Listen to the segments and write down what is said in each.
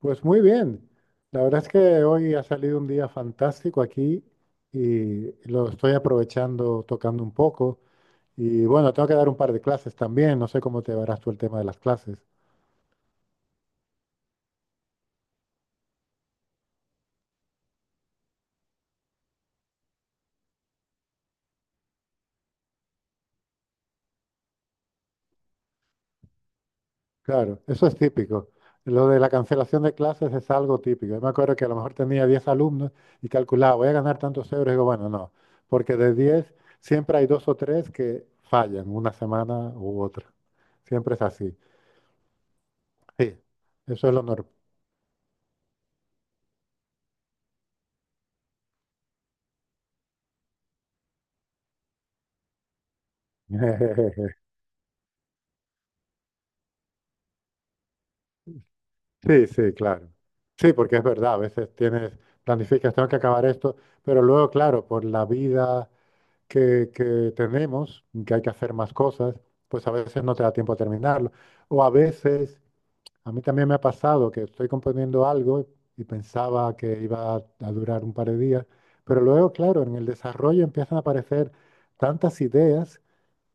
Pues muy bien. La verdad es que hoy ha salido un día fantástico aquí y lo estoy aprovechando tocando un poco. Y bueno, tengo que dar un par de clases también. No sé cómo te verás tú el tema de las clases. Claro, eso es típico. Lo de la cancelación de clases es algo típico. Yo me acuerdo que a lo mejor tenía 10 alumnos y calculaba, voy a ganar tantos euros. Y digo, bueno, no, porque de 10 siempre hay dos o tres que fallan una semana u otra. Siempre es así. Sí, eso es lo normal. Sí, sí, claro. Sí, porque es verdad, a veces tienes, planificas, tengo que acabar esto, pero luego, claro, por la vida que tenemos, que hay que hacer más cosas, pues a veces no te da tiempo a terminarlo. O a veces, a mí también me ha pasado que estoy componiendo algo y pensaba que iba a durar un par de días, pero luego, claro, en el desarrollo empiezan a aparecer tantas ideas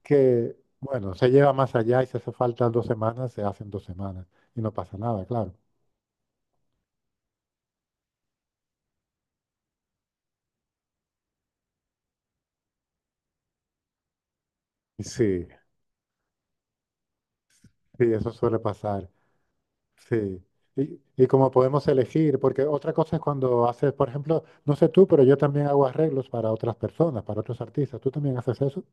que, bueno, se lleva más allá y si hace falta 2 semanas, se hacen 2 semanas y no pasa nada, claro. Sí. Sí, eso suele pasar. Sí. Y como podemos elegir, porque otra cosa es cuando haces, por ejemplo, no sé tú, pero yo también hago arreglos para otras personas, para otros artistas. ¿Tú también haces eso?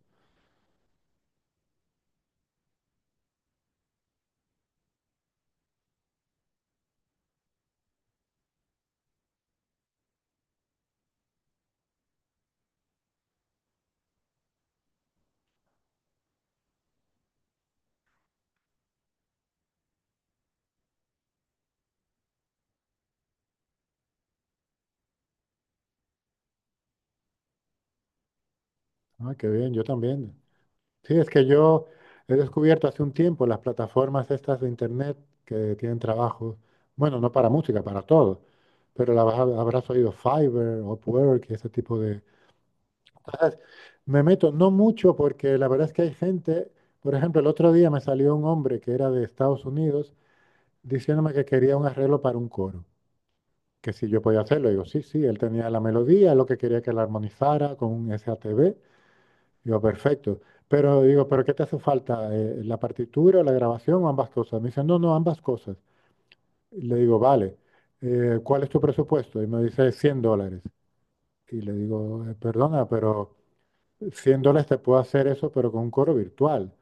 Ah, qué bien, yo también. Sí, es que yo he descubierto hace un tiempo las plataformas estas de internet que tienen trabajo, bueno, no para música, para todo, pero la habrás oído Fiverr, Upwork y ese tipo. Me meto, no mucho, porque la verdad es que hay gente, por ejemplo, el otro día me salió un hombre que era de Estados Unidos diciéndome que quería un arreglo para un coro, que si yo podía hacerlo. Digo, sí, sí, él tenía la melodía, lo que quería que la armonizara con un S A T SATB. Digo, perfecto. Pero digo, ¿pero qué te hace falta? ¿La partitura, la grabación o ambas cosas? Me dice, no, no, ambas cosas. Y le digo, vale, ¿cuál es tu presupuesto? Y me dice, $100. Y le digo, perdona, pero... $100 te puedo hacer eso, pero con un coro virtual.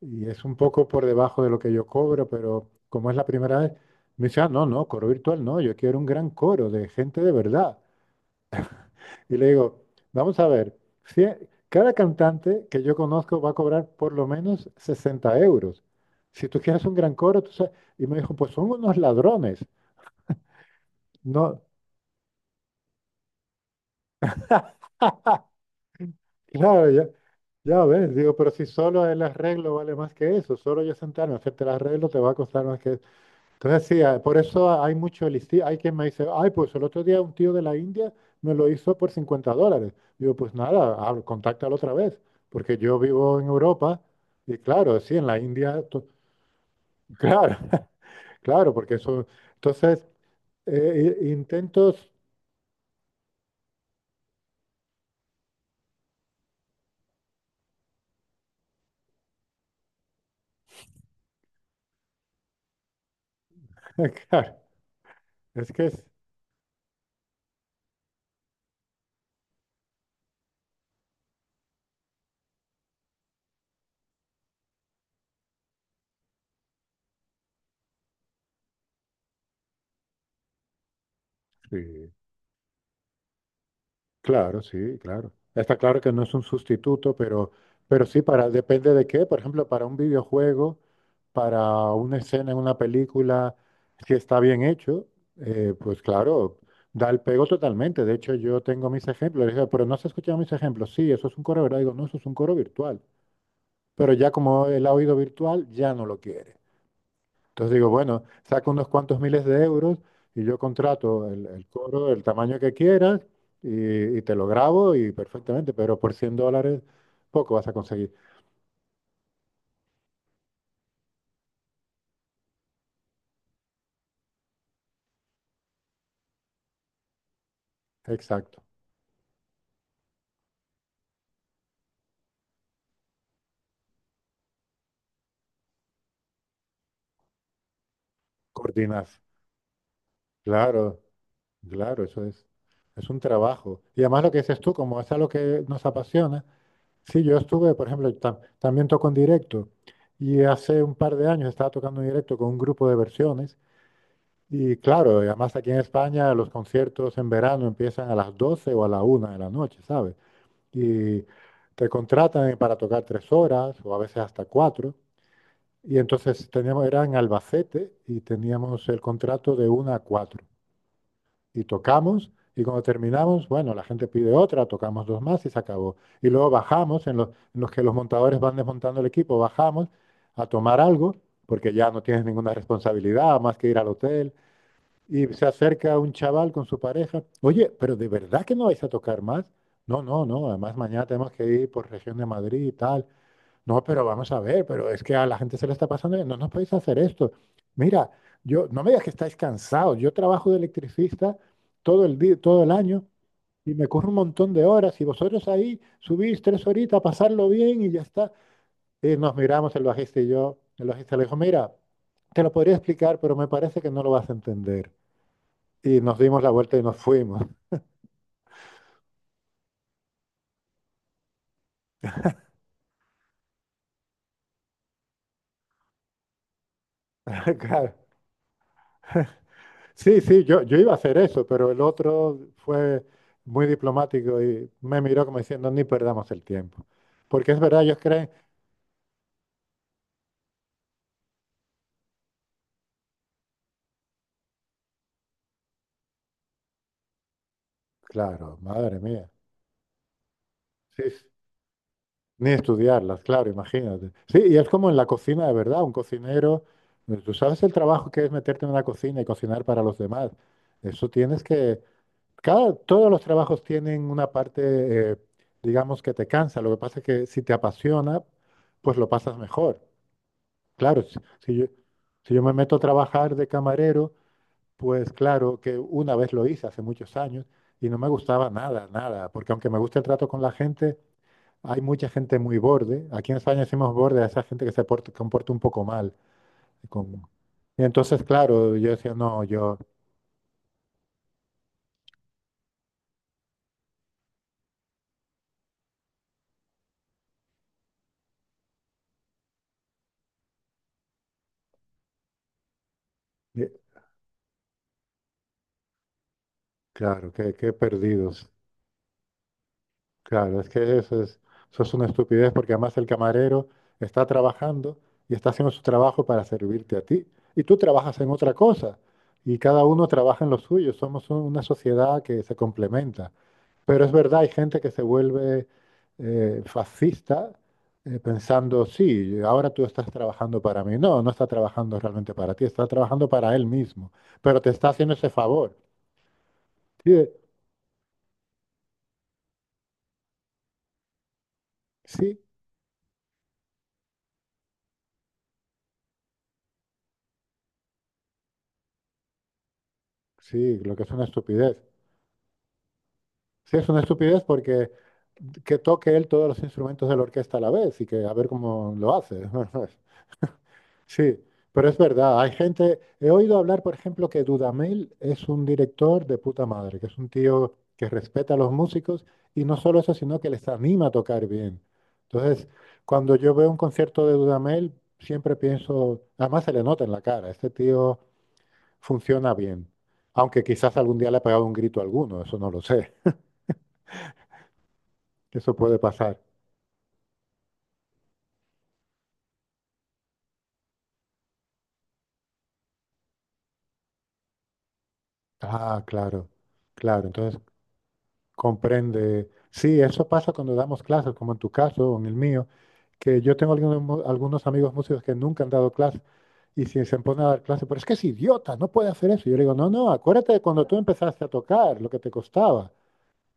Y es un poco por debajo de lo que yo cobro, pero como es la primera vez, me dice, ah, no, no, coro virtual no, yo quiero un gran coro de gente de verdad. Y le digo, vamos a ver, cada cantante que yo conozco va a cobrar por lo menos 60 euros. Si tú quieres un gran coro, tú sabes. Y me dijo, pues son unos ladrones. No, claro, ya, ya ves, digo, pero si solo el arreglo vale más que eso, solo yo sentarme a hacerte el arreglo te va a costar más que eso. Entonces, sí, ah, por eso hay mucho Hay quien me dice, ay, pues el otro día un tío de la India me lo hizo por $50. Digo, pues nada, contáctalo otra vez, porque yo vivo en Europa y claro, sí, en la India, to- claro, claro, porque eso. Entonces, intentos, claro, es que es. Sí. Claro, sí, claro. Está claro que no es un sustituto, pero sí, para, depende de qué. Por ejemplo, para un videojuego, para una escena en una película, si está bien hecho, pues claro, da el pego totalmente. De hecho, yo tengo mis ejemplos. Le digo, pero no has escuchado mis ejemplos. Sí, eso es un coro, ¿verdad? Digo, no, eso es un coro virtual. Pero ya como el oído virtual, ya no lo quiere. Entonces digo, bueno, saco unos cuantos miles de euros y yo contrato el coro del tamaño que quieras y te lo grabo y perfectamente, pero por $100 poco vas a conseguir. Exacto. Coordinas. Claro, claro, eso es. Es un trabajo. Y además lo que dices tú, como es algo que nos apasiona. Sí, yo estuve, por ejemplo, también toco en directo y hace un par de años estaba tocando en directo con un grupo de versiones. Y claro, y además aquí en España los conciertos en verano empiezan a las 12 o a la 1 de la noche, ¿sabes? Y te contratan para tocar 3 horas o a veces hasta cuatro. Y entonces teníamos, era en Albacete y teníamos el contrato de 1 a 4. Y tocamos y cuando terminamos, bueno, la gente pide otra, tocamos dos más y se acabó. Y luego bajamos, en los que los montadores van desmontando el equipo, bajamos a tomar algo, porque ya no tienes ninguna responsabilidad más que ir al hotel. Y se acerca un chaval con su pareja. Oye, pero ¿de verdad que no vais a tocar más? No, no, no. Además, mañana tenemos que ir por región de Madrid y tal. No, pero vamos a ver, pero es que a la gente se le está pasando bien. No nos podéis hacer esto. Mira, yo, no me digas que estáis cansados. Yo trabajo de electricista todo el día, todo el año y me corro un montón de horas. Y vosotros ahí subís 3 horitas a pasarlo bien y ya está. Y nos miramos el bajista y yo. El bajista le dijo, mira, te lo podría explicar, pero me parece que no lo vas a entender y nos dimos la vuelta y nos fuimos. Claro. Sí, sí, yo iba a hacer eso, pero el otro fue muy diplomático y me miró como diciendo, ni perdamos el tiempo. Porque es verdad, ellos creen, claro, madre mía, sí, s- ni estudiarlas, claro, imagínate. Sí, y es como en la cocina de verdad, un cocinero, tú sabes el trabajo que es meterte en una cocina y cocinar para los demás. Eso tienes que, cada, todos los trabajos tienen una parte, eh, digamos, que te cansa. Lo que pasa es que si te apasiona, pues lo pasas mejor. Claro, si yo me meto a trabajar de camarero, pues claro que una vez lo hice hace muchos años y no me gustaba nada, nada, porque aunque me gusta el trato con la gente, hay mucha gente muy borde. Aquí en España decimos borde a esa gente que se porta, comporta un poco mal. Con- Y entonces, claro, yo decía, no, yo, eh, claro, que qué qué perdido. Claro, es que eso es una estupidez porque además el camarero está trabajando y está haciendo su trabajo para servirte a ti. Y tú trabajas en otra cosa y cada uno trabaja en lo suyo. Somos un- una sociedad que se complementa. Pero es verdad, hay gente que se vuelve fascista pensando, sí, ahora tú estás trabajando para mí. No, no está trabajando realmente para ti, está trabajando para él mismo. Pero te está haciendo ese favor. Sí, sí, sí, lo que es una estupidez. Sí, es una estupidez porque que toque él todos los instrumentos de la orquesta a la vez y que a ver cómo lo hace. Sí, pero es verdad, hay gente, he oído hablar, por ejemplo, que Dudamel es un director de puta madre, que es un tío que respeta a los músicos y no solo eso, sino que les anima a tocar bien. Entonces, cuando yo veo un concierto de Dudamel, siempre pienso, además se le nota en la cara, este tío funciona bien, aunque quizás algún día le ha pegado un grito a alguno, eso no lo sé, eso puede pasar. Ah, claro, claro. Entonces, comprende. Sí, eso pasa cuando damos clases, como en tu caso o en el mío, que yo tengo algunos, algunos amigos músicos que nunca han dado clases y si se ponen a dar clases, pero es que es idiota, no puede hacer eso. Yo le digo, no, no, acuérdate de cuando tú empezaste a tocar, lo que te costaba.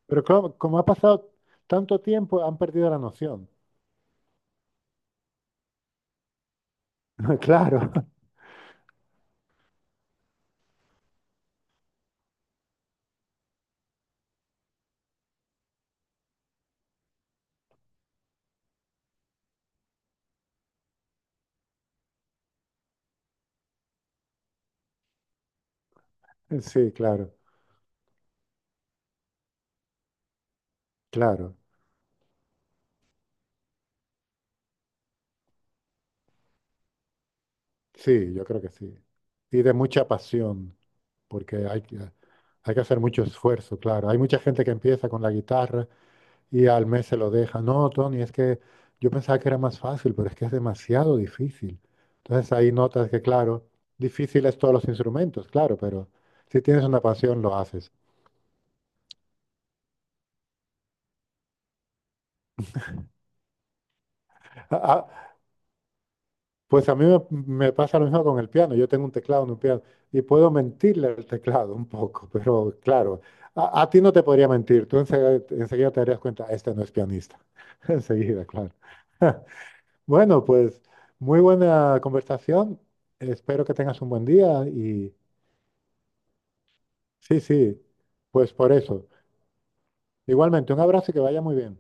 Pero como, como ha pasado tanto tiempo, han perdido la noción. Claro, sí, claro, claro. Sí, yo creo que sí. Y de mucha pasión. Porque hay que hacer mucho esfuerzo, claro. Hay mucha gente que empieza con la guitarra y al mes se lo deja. No, Tony, es que yo pensaba que era más fácil, pero es que es demasiado difícil. Entonces ahí notas que, claro, difícil es todos los instrumentos, claro, pero si tienes una pasión, lo haces. A- Pues a mí me pasa lo mismo con el piano. Yo tengo un teclado en un piano y puedo mentirle al teclado un poco, pero claro, a ti no te podría mentir. Tú enseguida, enseguida te darías cuenta, este no es pianista. Enseguida, claro. Bueno, pues muy buena conversación. Espero que tengas un buen día y sí, sí, pues por eso. Igualmente, un abrazo y que vaya muy bien.